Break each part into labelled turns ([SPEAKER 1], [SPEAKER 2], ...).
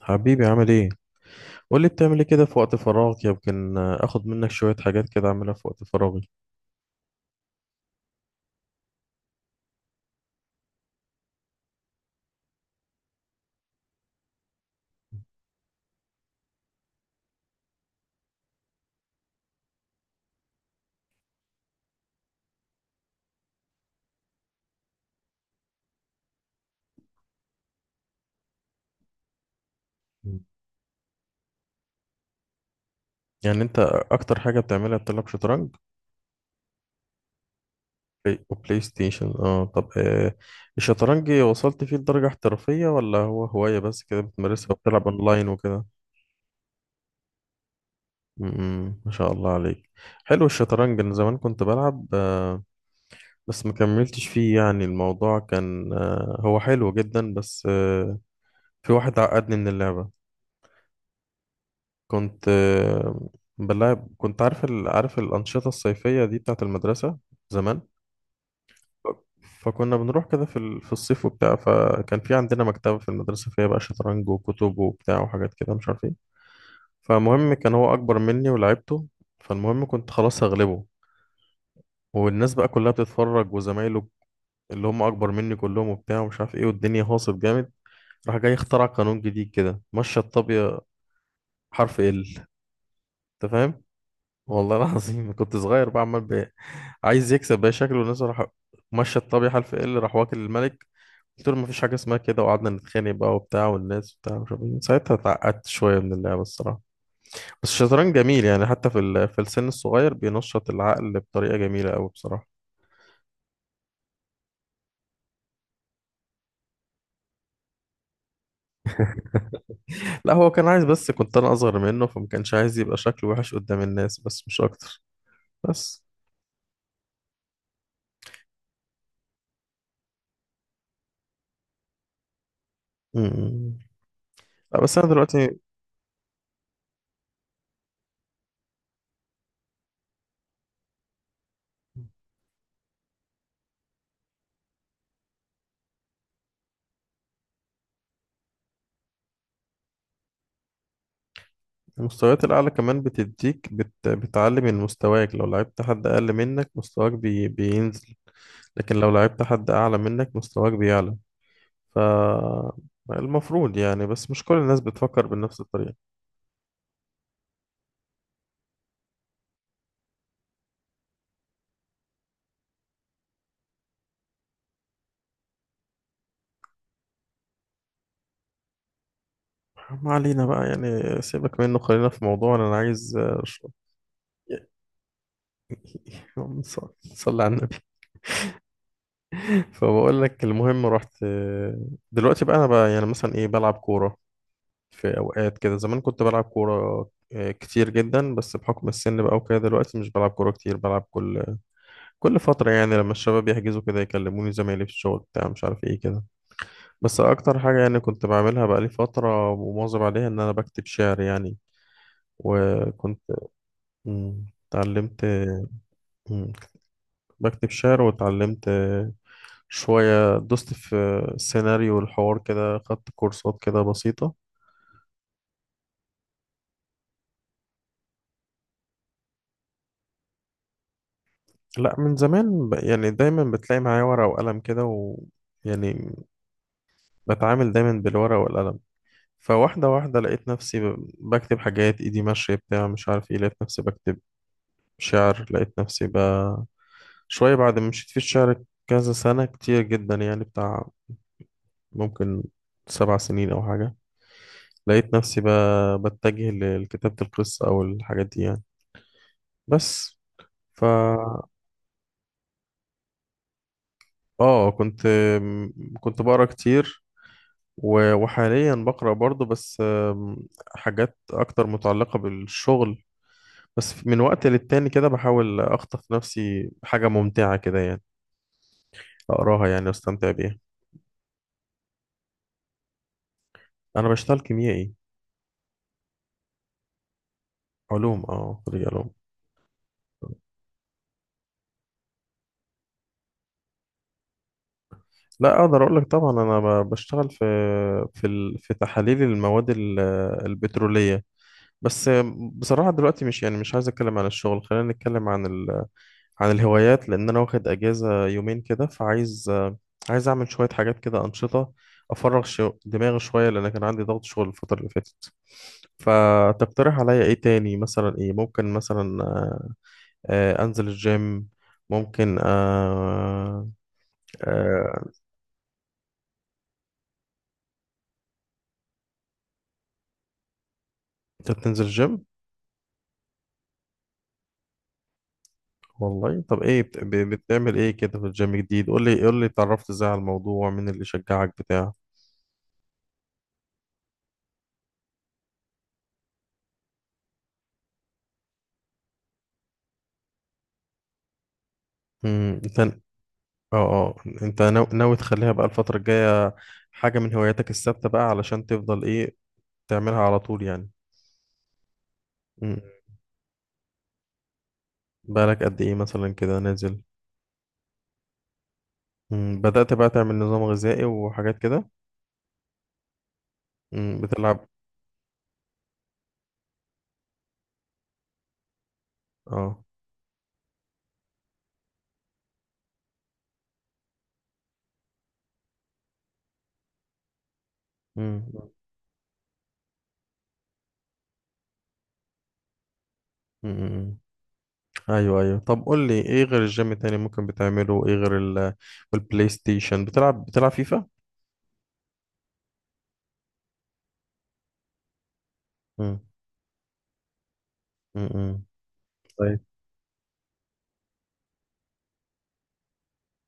[SPEAKER 1] حبيبي عامل ايه؟ قول لي بتعمل ايه كده في وقت فراغك، يمكن اخد منك شوية حاجات كده اعملها في وقت فراغي. مم. يعني انت اكتر حاجة بتعملها بتلعب شطرنج. بلاي وبلاي ستيشن، اه طب الشطرنج وصلت فيه لدرجة احترافية ولا هو هواية بس كده بتمارسها وبتلعب اونلاين وكده؟ ما شاء الله عليك. حلو الشطرنج، انا زمان كنت بلعب بس ما كملتش فيه، يعني الموضوع كان هو حلو جدا، بس في واحد عقدني من اللعبة. كنت آه، بلعب كنت عارف عارف الأنشطة الصيفية دي بتاعت المدرسة زمان. فكنا بنروح كده في في الصيف وبتاع، فكان في عندنا مكتبة في المدرسة فيها بقى شطرنج وكتب وبتاع وحاجات كده مش عارف ايه. فالمهم كان هو أكبر مني ولعبته، فالمهم كنت خلاص هغلبه والناس بقى كلها بتتفرج، وزمايله اللي هم أكبر مني كلهم وبتاع ومش عارف ايه، والدنيا هاصب جامد. راح جاي اخترع قانون جديد كده، مشى الطابية حرف ال، انت فاهم. والله العظيم كنت صغير بقى عمال عايز يكسب بقى شكله الناس. راح مشى الطبيعة حلف ايه، اللي راح واكل الملك. قلت له مفيش حاجة اسمها كده، وقعدنا نتخانق بقى وبتاع والناس بتاع مش عارف إيه. من ساعتها اتعقدت شوية من اللعبة الصراحة. بس الشطرنج جميل، يعني حتى في في السن الصغير بينشط العقل بطريقة جميلة أوي بصراحة. لا هو كان عايز، بس كنت أنا أصغر منه فما كانش عايز يبقى شكله وحش قدام الناس، بس مش أكتر. بس م- م. لا بس أنا دلوقتي المستويات الأعلى كمان بتديك بتعلي من مستواك. لو لعبت حد أقل منك مستواك بينزل، لكن لو لعبت حد أعلى منك مستواك بيعلى. ف المفروض يعني، بس مش كل الناس بتفكر بنفس الطريقة. ما علينا بقى يعني، سيبك منه خلينا في موضوعنا، أنا عايز أشرب يعني. صلي على النبي. فبقول لك المهم رحت دلوقتي بقى، أنا بقى يعني مثلا إيه بلعب كورة في اوقات كده. زمان كنت بلعب كوره كتير جدا، بس بحكم السن بقى وكده دلوقتي مش بلعب كوره كتير. بلعب كل فتره، يعني لما الشباب يحجزوا كده يكلموني زمايلي في الشغل بتاع مش عارف ايه كده. بس اكتر حاجه يعني كنت بعملها بقى لي فتره ومواظب عليها ان انا بكتب شعر يعني. وكنت اتعلمت مم، بكتب شعر، واتعلمت شويه دوست في سيناريو الحوار كده، خدت كورسات كده بسيطه. لا من زمان يعني دايما بتلاقي معايا ورقة وقلم كده، و يعني بتعامل دايما بالورقة والقلم. فواحدة واحدة لقيت نفسي بكتب حاجات، ايدي ماشية بتاع مش عارف ايه. لقيت نفسي بكتب شعر، لقيت نفسي شوية بعد ما مشيت في الشعر كذا سنة كتير جدا يعني بتاع، ممكن 7 سنين أو حاجة. لقيت نفسي بتجه لكتابة القصة أو الحاجات دي يعني. بس ف اه كنت بقرا كتير وحاليا بقرأ برضه، بس حاجات أكتر متعلقة بالشغل، بس من وقت للتاني كده بحاول أخطف نفسي حاجة ممتعة كده يعني، أقراها يعني وأستمتع بيها. أنا بشتغل كيميائي. علوم، أه خريج علوم. لا أقدر أقول لك طبعا، أنا بشتغل في في في تحاليل المواد البترولية. بس بصراحة دلوقتي مش يعني مش عايز أتكلم عن الشغل، خلينا نتكلم عن عن الهوايات، لان انا واخد اجازه يومين كده فعايز عايز اعمل شويه حاجات كده انشطه، افرغ دماغي شويه، لان كان عندي ضغط شغل الفتره اللي فاتت. فتقترح عليا ايه تاني، مثلا ايه ممكن مثلا انزل الجيم، ممكن آه، انت بتنزل الجيم. والله طب ايه بتعمل ايه كده في الجيم جديد؟ قول لي قول لي، اتعرفت ازاي على الموضوع، مين اللي شجعك بتاع. انت اه اه انت ناوي تخليها بقى الفترة الجاية حاجة من هواياتك الثابتة بقى، علشان تفضل ايه تعملها على طول يعني. مم. بقالك قد ايه مثلا كده نازل؟ مم. بدأت بقى تعمل نظام غذائي وحاجات كده؟ مم. بتلعب اه. مم. مم. مم. ايوه ايوه، طب قول لي ايه غير الجيم تاني ممكن بتعمله، ايه غير ال والبلاي ستيشن؟ بتلعب فيفا؟ مم. مم. مم. طيب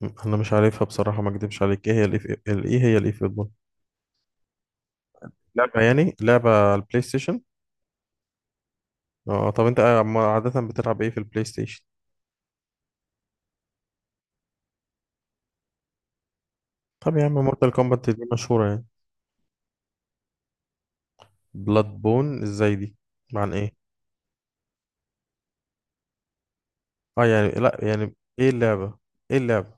[SPEAKER 1] مم. انا مش عارفها بصراحة ما اكدبش عليك، ايه هي ايه هي الاي فوتبول؟ لعبة يعني، لعبة على البلاي ستيشن؟ اه طب انت عادة بتلعب ايه في البلاي ستيشن؟ طب يا عم مورتال كومبات دي مشهورة يعني. بلاد بون ازاي دي، عن ايه؟ اه يعني لا يعني ايه اللعبة؟ ايه اللعبة؟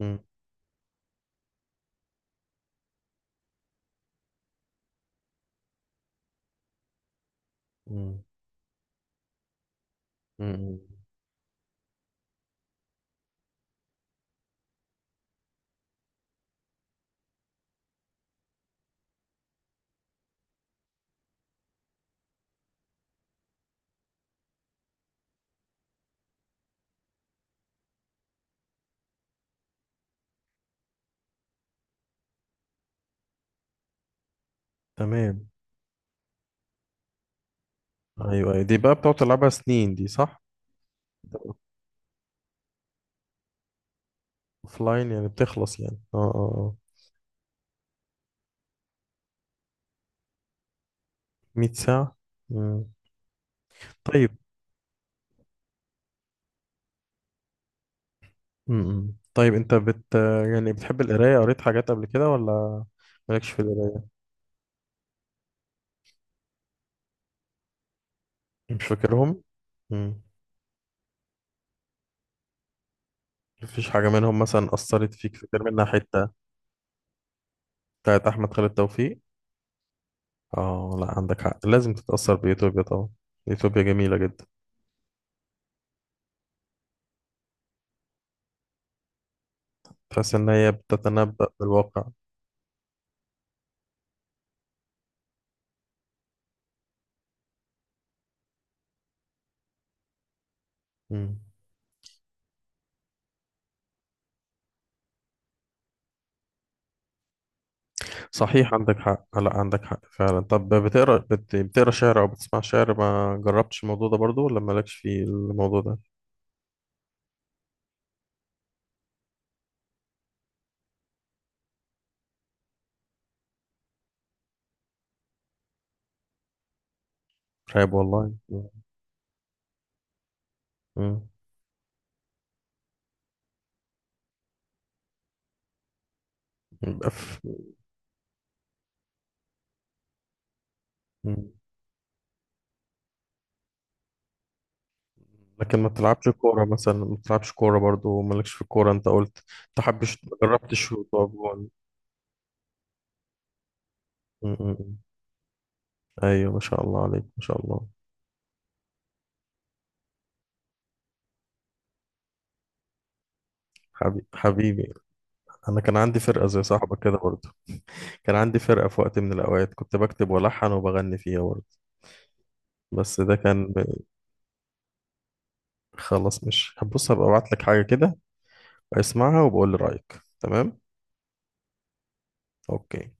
[SPEAKER 1] مم. مم. مم. تمام. ايوه أيوة. دي بقى بتقعد تلعبها سنين دي صح؟ اوف لاين يعني بتخلص يعني اه اه 100 ساعة. مم. طيب مم. طيب انت بت يعني بتحب القراية؟ قريت حاجات قبل كده ولا مالكش في القراية؟ مش فاكرهم. مم. مفيش حاجة منهم مثلا أثرت فيك، فاكر منها حتة؟ بتاعت أحمد خالد توفيق. اه لا عندك حق، لازم تتأثر بإثيوبيا طبعا، إثيوبيا جميلة جدا. تحس إن هي بتتنبأ بالواقع. مم. صحيح عندك حق لا عندك حق فعلا. طب بتقرا بتقرا شعر أو بتسمع شعر؟ ما جربتش الموضوع ده برضو ولا مالكش في الموضوع ده؟ رهيب والله. مم. يبقى في- مم. لكن ما بتلعبش كورة مثلا، ما بتلعبش كورة برضو، مالكش في الكورة أنت قلت. ما حبش. جربتش شوط أو جون. مم. مم. أيوة ما شاء الله عليك، ما شاء الله. حبيبي حبيبي، انا كان عندي فرقه زي صاحبك كده برضه، كان عندي فرقه في وقت من الاوقات كنت بكتب والحن وبغني فيها برضه، بس ده كان خلاص. مش بص، هبقى ابعت لك حاجه كده، اسمعها وبقول لي رايك. تمام اوكي.